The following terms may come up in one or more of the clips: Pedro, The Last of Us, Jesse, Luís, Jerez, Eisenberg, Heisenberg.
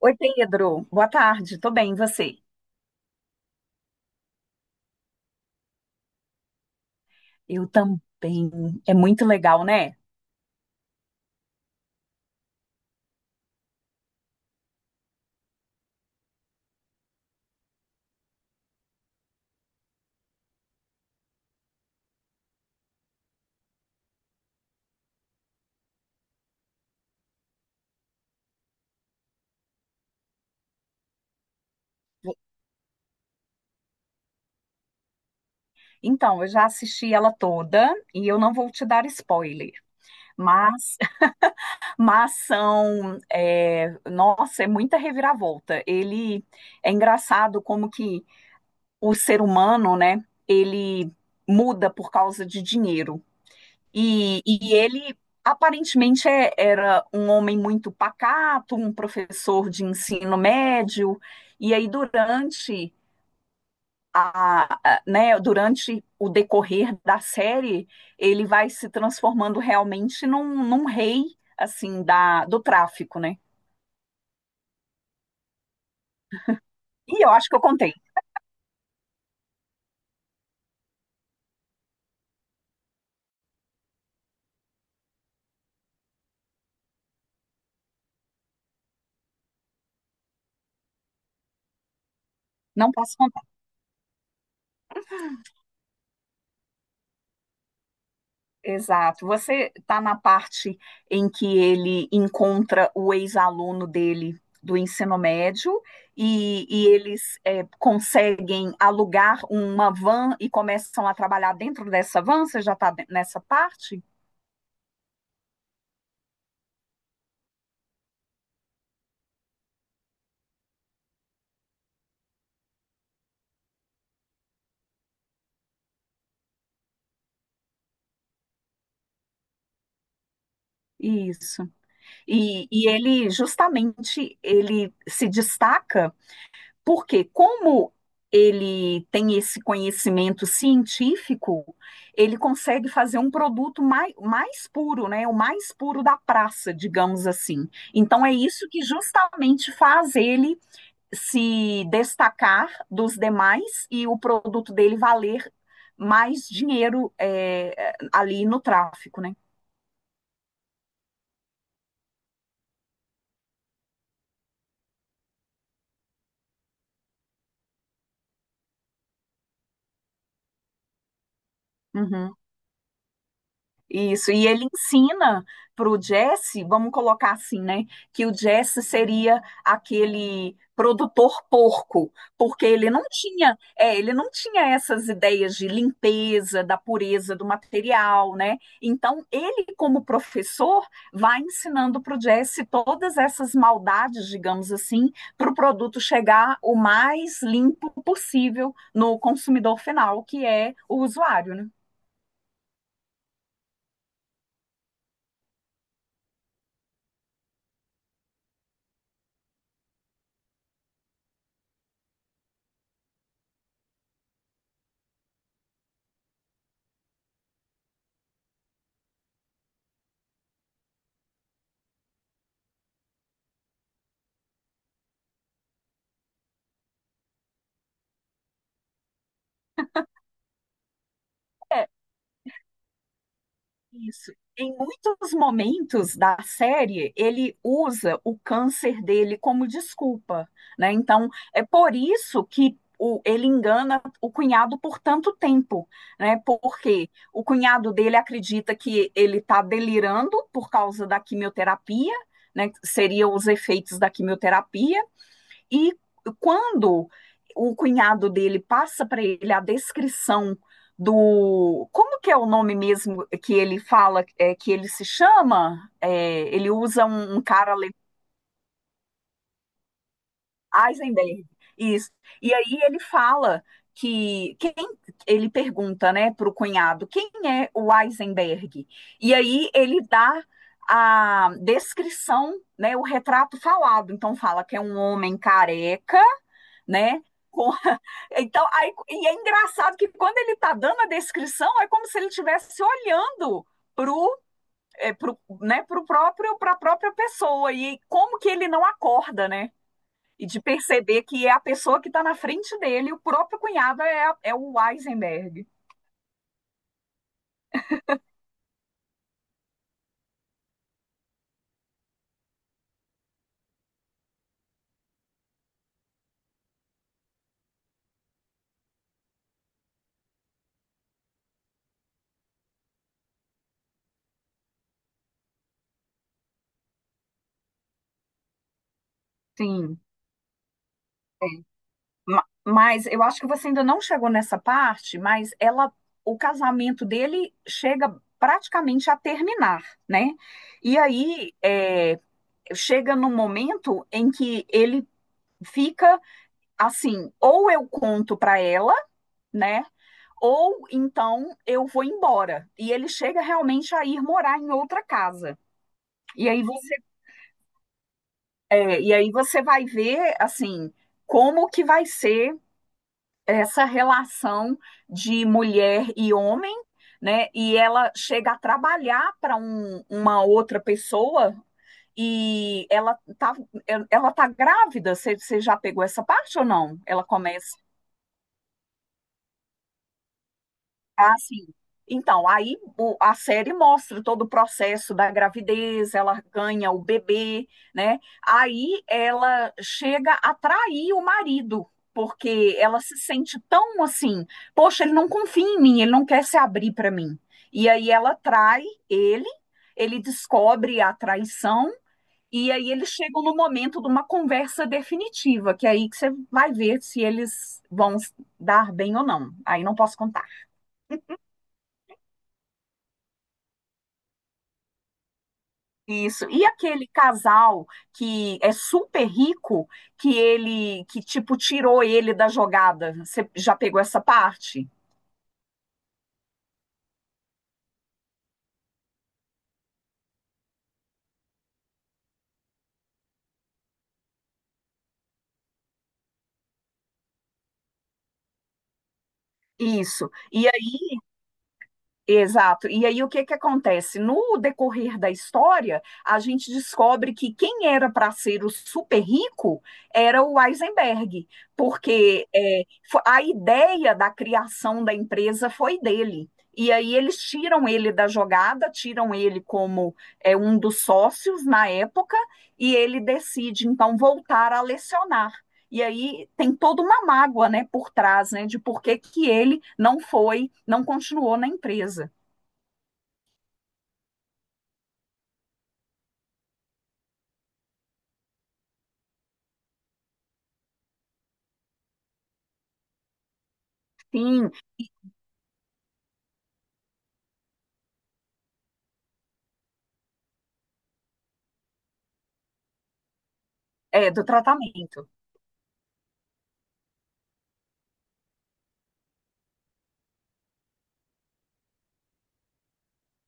Oi, Pedro. Boa tarde. Tô bem, e você? Eu também. É muito legal, né? Então, eu já assisti ela toda e eu não vou te dar spoiler, mas, mas nossa, é muita reviravolta. Ele é engraçado como que o ser humano, né? Ele muda por causa de dinheiro. E ele aparentemente era um homem muito pacato, um professor de ensino médio, e aí durante né, durante o decorrer da série, ele vai se transformando realmente num, rei assim da, do tráfico, né? E eu acho que eu contei. Não posso. Exato. Você está na parte em que ele encontra o ex-aluno dele do ensino médio e eles conseguem alugar uma van e começam a trabalhar dentro dessa van. Você já está nessa parte? Isso. E ele justamente ele se destaca. Porque como ele tem esse conhecimento científico, ele consegue fazer um produto mais puro, né? O mais puro da praça, digamos assim. Então é isso que justamente faz ele se destacar dos demais e o produto dele valer mais dinheiro ali no tráfico, né? Uhum. Isso, e ele ensina para o Jesse, vamos colocar assim, né? Que o Jesse seria aquele produtor porco, porque ele não tinha essas ideias de limpeza, da pureza do material, né? Então, ele, como professor, vai ensinando para o Jesse todas essas maldades, digamos assim, para o produto chegar o mais limpo possível no consumidor final, que é o usuário, né? Isso. Em muitos momentos da série, ele usa o câncer dele como desculpa, né? Então, é por isso que ele engana o cunhado por tanto tempo, né? Porque o cunhado dele acredita que ele está delirando por causa da quimioterapia, né? Que seria os efeitos da quimioterapia. E quando o cunhado dele passa para ele a descrição do... Como que é o nome mesmo que ele fala, que ele se chama? É, ele usa um cara. Eisenberg, isso. E aí ele fala quem ele pergunta, né, para o cunhado, quem é o Eisenberg? E aí ele dá a descrição, né, o retrato falado. Então fala que é um homem careca, né? Com... Então, aí, e é engraçado que quando ele está dando a descrição, é como se ele estivesse olhando para pro, né, pro próprio para a própria pessoa, e como que ele não acorda, né? E de perceber que é a pessoa que está na frente dele, o próprio cunhado é o Eisenberg. Sim. É. Mas eu acho que você ainda não chegou nessa parte, mas o casamento dele chega praticamente a terminar, né? E aí, chega num momento em que ele fica assim, ou eu conto para ela, né? Ou então eu vou embora. E ele chega realmente a ir morar em outra casa. E aí você, e aí você vai ver assim como que vai ser essa relação de mulher e homem, né? E ela chega a trabalhar para uma outra pessoa, e ela tá grávida. Você já pegou essa parte ou não? Ela começa assim. Então, aí a série mostra todo o processo da gravidez, ela ganha o bebê, né? Aí ela chega a trair o marido, porque ela se sente tão assim, poxa, ele não confia em mim, ele não quer se abrir para mim. E aí ela trai ele, ele descobre a traição. E aí eles chegam no momento de uma conversa definitiva, que é aí que você vai ver se eles vão dar bem ou não. Aí não posso contar. Isso. E aquele casal que é super rico, que tipo tirou ele da jogada. Você já pegou essa parte? Isso. E. Exato. E aí o que que acontece? No decorrer da história, a gente descobre que quem era para ser o super rico era o Heisenberg, porque a ideia da criação da empresa foi dele. E aí eles tiram ele da jogada, tiram ele como um dos sócios na época, e ele decide então voltar a lecionar. E aí tem toda uma mágoa, né, por trás, né, de por que que ele não foi, não continuou na empresa. Sim, é, do tratamento.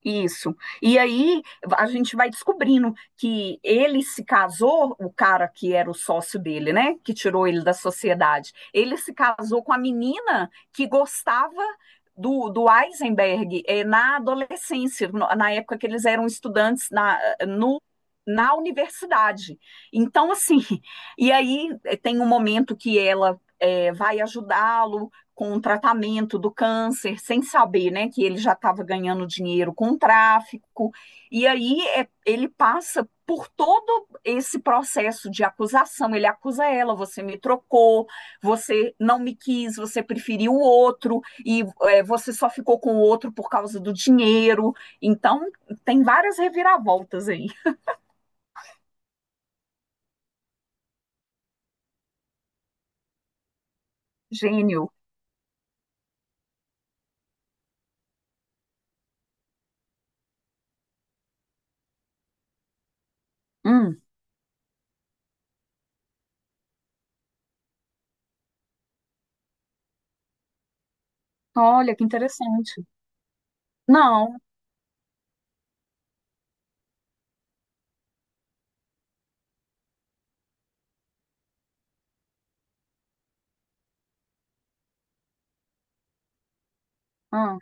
Isso. E aí a gente vai descobrindo que ele se casou, o cara que era o sócio dele, né? Que tirou ele da sociedade. Ele se casou com a menina que gostava do, Eisenberg, na adolescência, na época que eles eram estudantes na, no, na universidade. Então, assim, e aí, tem um momento que ela, vai ajudá-lo com o tratamento do câncer, sem saber, né, que ele já estava ganhando dinheiro com o tráfico. E aí ele passa por todo esse processo de acusação. Ele acusa ela: você me trocou, você não me quis, você preferiu o outro, e você só ficou com o outro por causa do dinheiro. Então, tem várias reviravoltas aí. Gênio. Hum, olha que interessante. Não. Ah.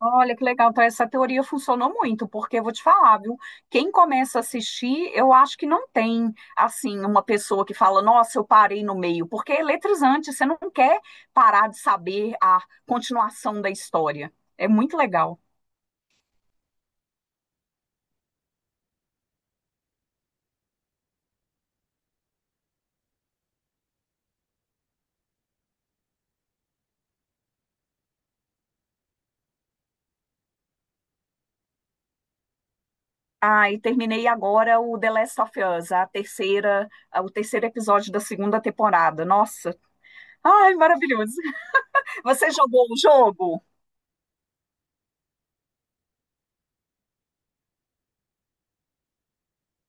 Olha que legal, então essa teoria funcionou muito, porque eu vou te falar, viu? Quem começa a assistir, eu acho que não tem, assim, uma pessoa que fala, nossa, eu parei no meio, porque é eletrizante, você não quer parar de saber a continuação da história. É muito legal. Ah, e terminei agora o The Last of Us, a terceira, o terceiro episódio da segunda temporada. Nossa, ai, maravilhoso. Você jogou o jogo?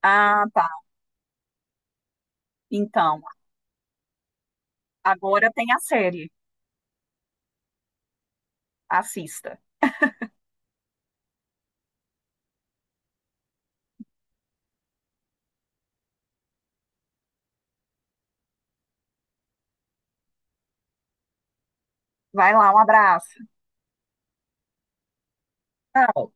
Ah, tá. Então, agora tem a série. Assista. Vai lá, um abraço. Tchau.